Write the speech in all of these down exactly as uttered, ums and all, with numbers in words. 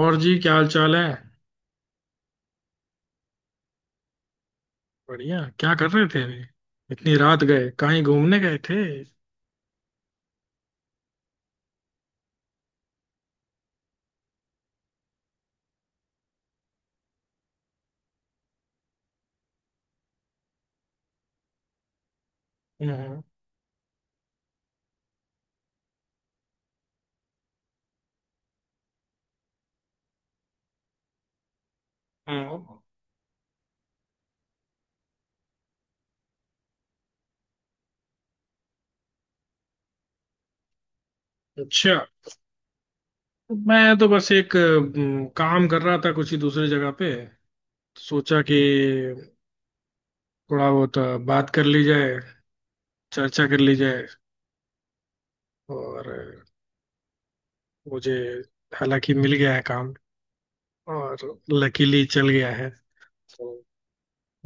और जी क्या हाल चाल है। बढ़िया क्या कर रहे थे अभी। इतनी रात गए कहीं घूमने गए थे। हाँ। हाँ। अच्छा। मैं तो बस एक अम, काम कर रहा था कुछ ही दूसरी जगह पे। सोचा कि थोड़ा बहुत अ, बात कर ली जाए। चर्चा कर ली जाए। और अ, मुझे हालांकि मिल गया है काम और लकीली चल गया है। तो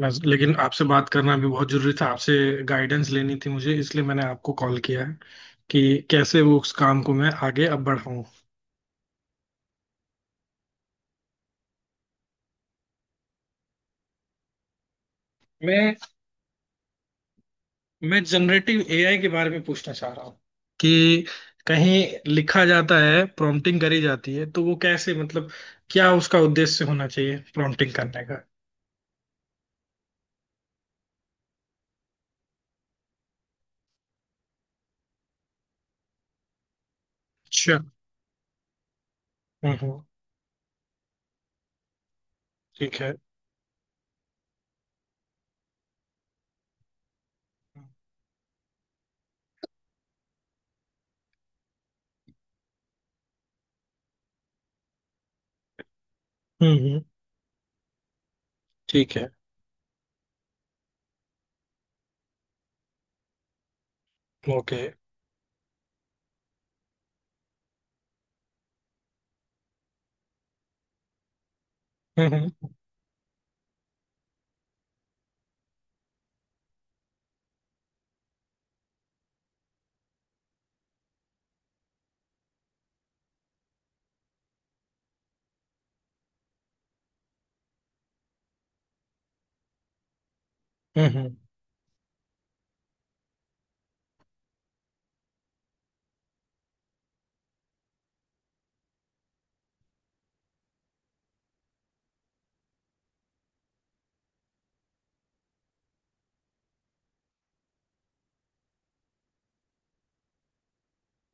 बस लेकिन आपसे बात करना भी बहुत जरूरी था। आपसे गाइडेंस लेनी थी मुझे, इसलिए मैंने आपको कॉल किया है कि कैसे वो उस काम को मैं आगे अब बढ़ाऊं। मैं मैं जनरेटिव एआई के बारे में पूछना चाह रहा हूँ कि कहीं लिखा जाता है, प्रॉम्प्टिंग करी जाती है, तो वो कैसे, मतलब क्या उसका उद्देश्य होना चाहिए प्रॉम्प्टिंग करने का। अच्छा। हम्म हम्म। ठीक है। हम्म हम्म। ठीक है। ओके। हम्म हम्म। हम्म हम्म।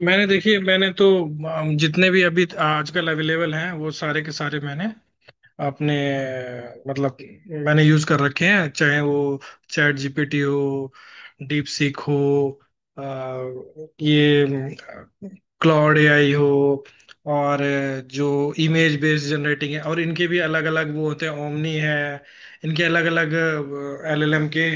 मैंने देखिए, मैंने तो अम, जितने भी अभी आजकल अवेलेबल हैं वो सारे के सारे मैंने अपने, मतलब मैंने यूज कर रखे हैं। चाहे वो चैट जीपीटी हो, डीप सीक हो, अ, ये क्लाउड एआई हो, और अ, जो इमेज बेस्ड जनरेटिंग है, और इनके भी अलग अलग वो होते हैं, ओमनी है। इनके अलग अलग एलएलएम के,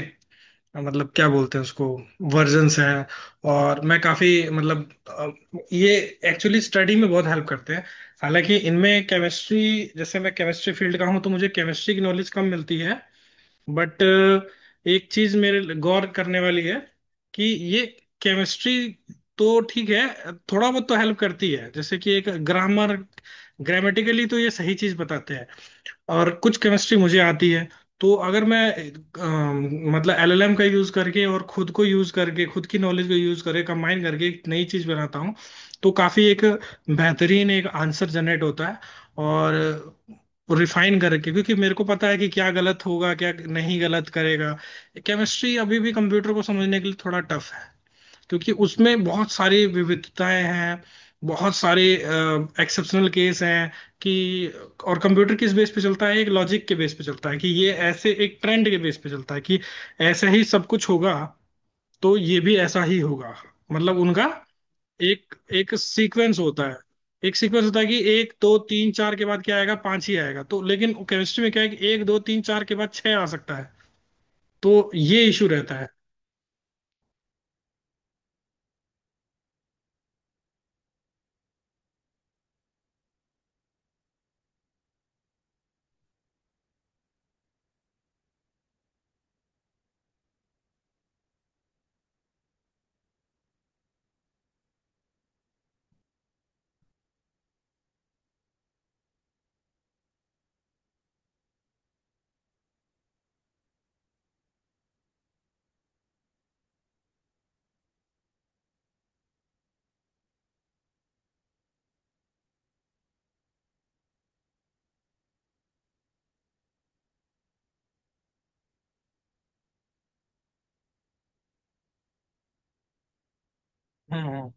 मतलब क्या बोलते हैं उसको, वर्जन्स हैं। और मैं काफी, मतलब अ, ये एक्चुअली स्टडी में बहुत हेल्प करते हैं। हालांकि इनमें केमिस्ट्री, जैसे मैं केमिस्ट्री फील्ड का हूँ, तो मुझे केमिस्ट्री की नॉलेज कम मिलती है। बट एक चीज मेरे लिए गौर करने वाली है कि ये केमिस्ट्री तो ठीक है, थोड़ा बहुत तो हेल्प करती है, जैसे कि एक ग्रामर, ग्रामेटिकली तो ये सही चीज बताते हैं। और कुछ केमिस्ट्री मुझे आती है, तो अगर मैं अम, मतलब एलएलएम का यूज करके, और खुद को यूज करके, खुद की नॉलेज को यूज करके, कंबाइन करके एक नई चीज बनाता हूँ, तो काफी एक बेहतरीन एक आंसर जनरेट होता है, और रिफाइन करके, क्योंकि मेरे को पता है कि क्या गलत होगा, क्या नहीं गलत करेगा। केमिस्ट्री अभी भी कंप्यूटर को समझने के लिए थोड़ा टफ है, क्योंकि उसमें बहुत सारी विविधताएं हैं, बहुत सारे एक्सेप्शनल केस हैं कि, और कंप्यूटर किस बेस पे चलता है, एक लॉजिक के बेस पे चलता है, कि ये ऐसे एक ट्रेंड के बेस पे चलता है कि ऐसा ही सब कुछ होगा, तो ये भी ऐसा ही होगा। मतलब उनका एक एक सीक्वेंस होता है। एक सीक्वेंस होता है कि एक दो तीन चार के बाद क्या आएगा, पांच ही आएगा तो, लेकिन केमिस्ट्री में क्या है कि एक दो तीन चार के बाद छह आ सकता है। तो ये इशू रहता है। हम्म हम्म।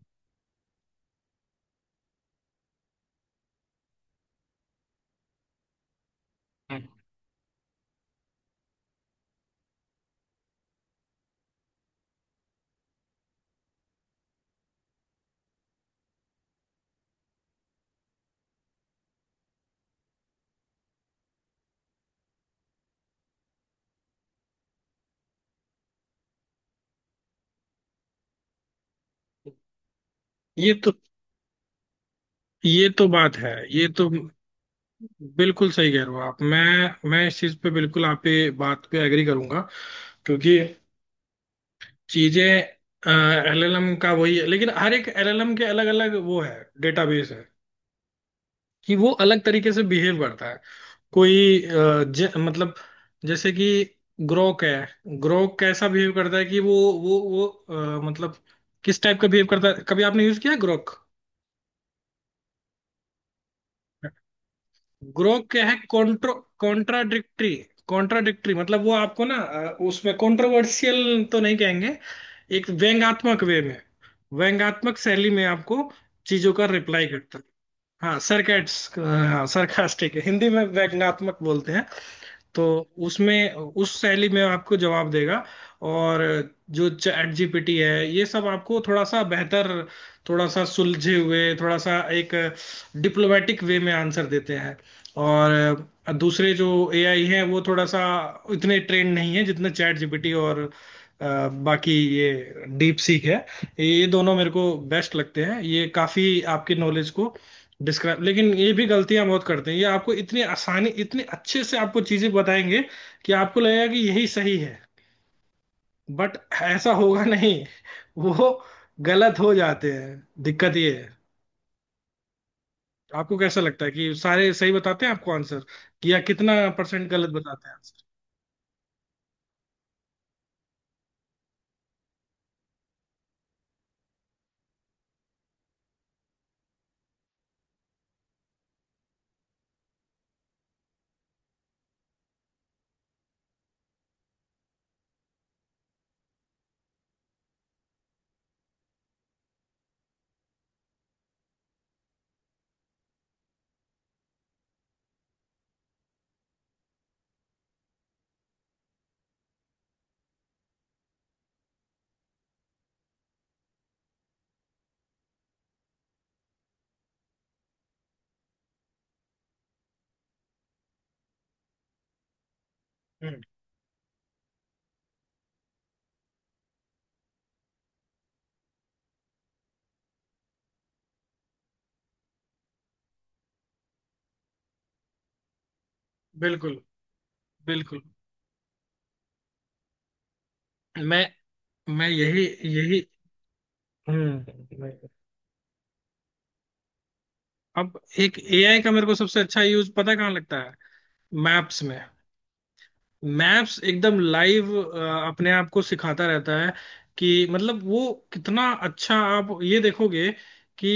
हम्म। ये तो, ये तो बात है। ये तो बिल्कुल सही कह रहे हो आप, मैं मैं इस चीज पे बिल्कुल आप पे, बात पे एग्री करूंगा। क्योंकि चीजें एलएलएम का वही है, लेकिन हर एक एलएलएम के अलग अलग वो है, डेटाबेस है कि वो अलग तरीके से बिहेव करता है। कोई अ, ज, मतलब जैसे कि ग्रोक है। ग्रोक कैसा बिहेव करता है, कि वो वो वो अ, मतलब किस टाइप का बिहेव करता है, कभी आपने यूज किया है ग्रोक। ग्रो क्या है, कॉन्ट्रो, कॉन्ट्राडिक्टरी। कॉन्ट्राडिक्टरी मतलब वो आपको ना अ, उसमें कॉन्ट्रोवर्शियल तो नहीं कहेंगे, एक व्यंग्यात्मक वे में, व्यंग्यात्मक शैली में आपको चीजों का रिप्लाई करता है। हाँ सरकास्ट, हाँ सरकास्टिक, हिंदी में व्यंग्यात्मक बोलते हैं। तो उसमें उस शैली में आपको जवाब देगा। और जो चैट जीपीटी है, ये सब आपको थोड़ा सा बेहतर, थोड़ा सा सुलझे हुए, थोड़ा सा एक डिप्लोमेटिक वे में आंसर देते हैं। और दूसरे जो एआई हैं वो थोड़ा सा इतने ट्रेंड नहीं है जितने चैट जीपीटी और अ, बाकी ये डीप सीक है। ये दोनों मेरे को बेस्ट लगते हैं। ये काफी आपकी नॉलेज को डिस्क्राइब, लेकिन ये भी गलतियां बहुत करते हैं। ये आपको इतनी आसानी, इतने अच्छे से आपको चीजें बताएंगे कि आपको लगेगा कि यही सही है, बट ऐसा होगा नहीं। वो गलत हो जाते हैं। दिक्कत ये है। आपको कैसा लगता है कि सारे सही बताते हैं आपको आंसर, कि या कितना परसेंट गलत बताते हैं आंसर। हम्म। बिल्कुल। बिल्कुल। मैं मैं यही, यही। हम्म। अब एक एआई का मेरे को सबसे अच्छा यूज पता है कहाँ लगता है, मैप्स में। मैप्स एकदम लाइव अपने आप को सिखाता रहता है। कि मतलब वो कितना अच्छा, आप ये देखोगे कि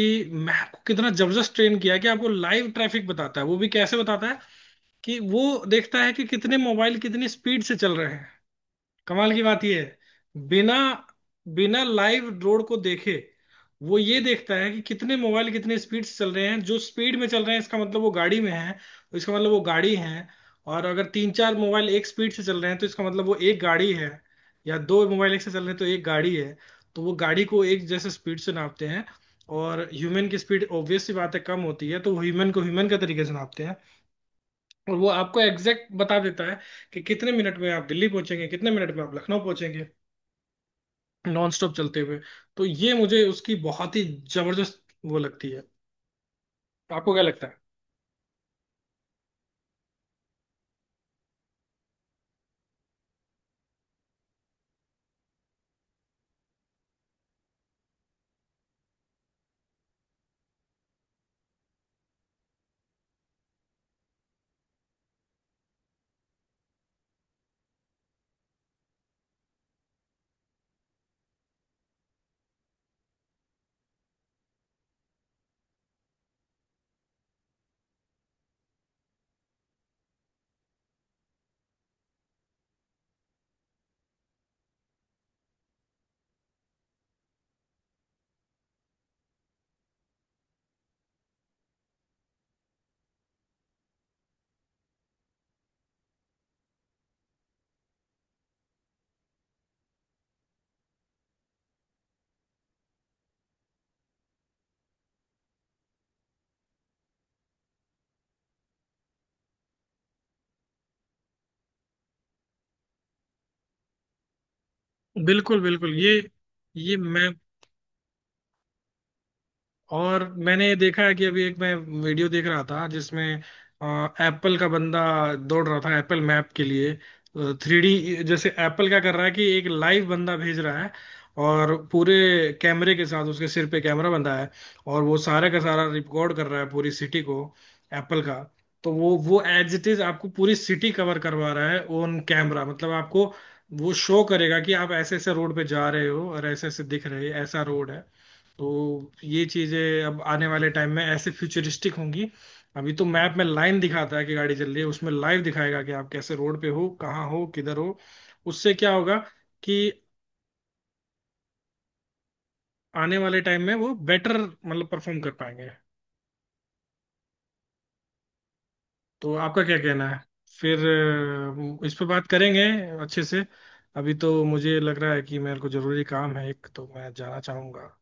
मैप को कितना जबरदस्त ट्रेन किया है कि आपको लाइव ट्रैफिक बताता है। वो भी कैसे बताता है कि वो देखता है कि कितने मोबाइल कितनी स्पीड से चल रहे हैं। कमाल की बात यह है, बिना बिना लाइव रोड को देखे वो ये देखता है कि कितने मोबाइल कितने स्पीड से चल रहे हैं। जो स्पीड में चल रहे हैं इसका मतलब वो गाड़ी में है, इसका मतलब वो गाड़ी है। और अगर तीन चार मोबाइल एक स्पीड से चल रहे हैं तो इसका मतलब वो एक गाड़ी है, या दो मोबाइल एक से चल रहे हैं तो एक गाड़ी है। तो वो गाड़ी को एक जैसे स्पीड से नापते हैं। और ह्यूमन की स्पीड ऑब्वियस सी बात है कम होती है, तो ह्यूमन को ह्यूमन का तरीके से नापते हैं। और वो आपको एग्जैक्ट बता देता है कि कितने मिनट में आप दिल्ली पहुंचेंगे, कितने मिनट में आप लखनऊ पहुंचेंगे, नॉन स्टॉप चलते हुए। तो ये मुझे उसकी बहुत ही जबरदस्त वो लगती है। आपको क्या लगता है। बिल्कुल। बिल्कुल। ये ये मैं, और मैंने देखा है कि अभी एक मैं वीडियो देख रहा था जिसमें एप्पल का बंदा दौड़ रहा था एप्पल मैप के लिए। थ्री डी, जैसे एप्पल क्या कर रहा है कि एक लाइव बंदा भेज रहा है, और पूरे कैमरे के साथ, उसके सिर पे कैमरा बंधा है, और वो सारा का सारा रिकॉर्ड कर रहा है पूरी सिटी को, एप्पल का। तो वो वो एज इट इज आपको पूरी सिटी कवर करवा रहा है ऑन कैमरा, मतलब आपको वो शो करेगा कि आप ऐसे ऐसे रोड पे जा रहे हो और ऐसे ऐसे दिख रहे, ऐसा रोड है। तो ये चीजें अब आने वाले टाइम में ऐसे फ्यूचरिस्टिक होंगी। अभी तो मैप में लाइन दिखाता है कि गाड़ी चल रही है, उसमें लाइव दिखाएगा कि आप कैसे रोड पे हो, कहाँ हो, किधर हो। उससे क्या होगा कि आने वाले टाइम में वो बेटर मतलब परफॉर्म कर पाएंगे। तो आपका क्या कहना है। फिर अ, इस पे बात करेंगे अच्छे से। अभी तो मुझे लग रहा है कि मेरे को जरूरी काम है एक, तो मैं जाना चाहूंगा।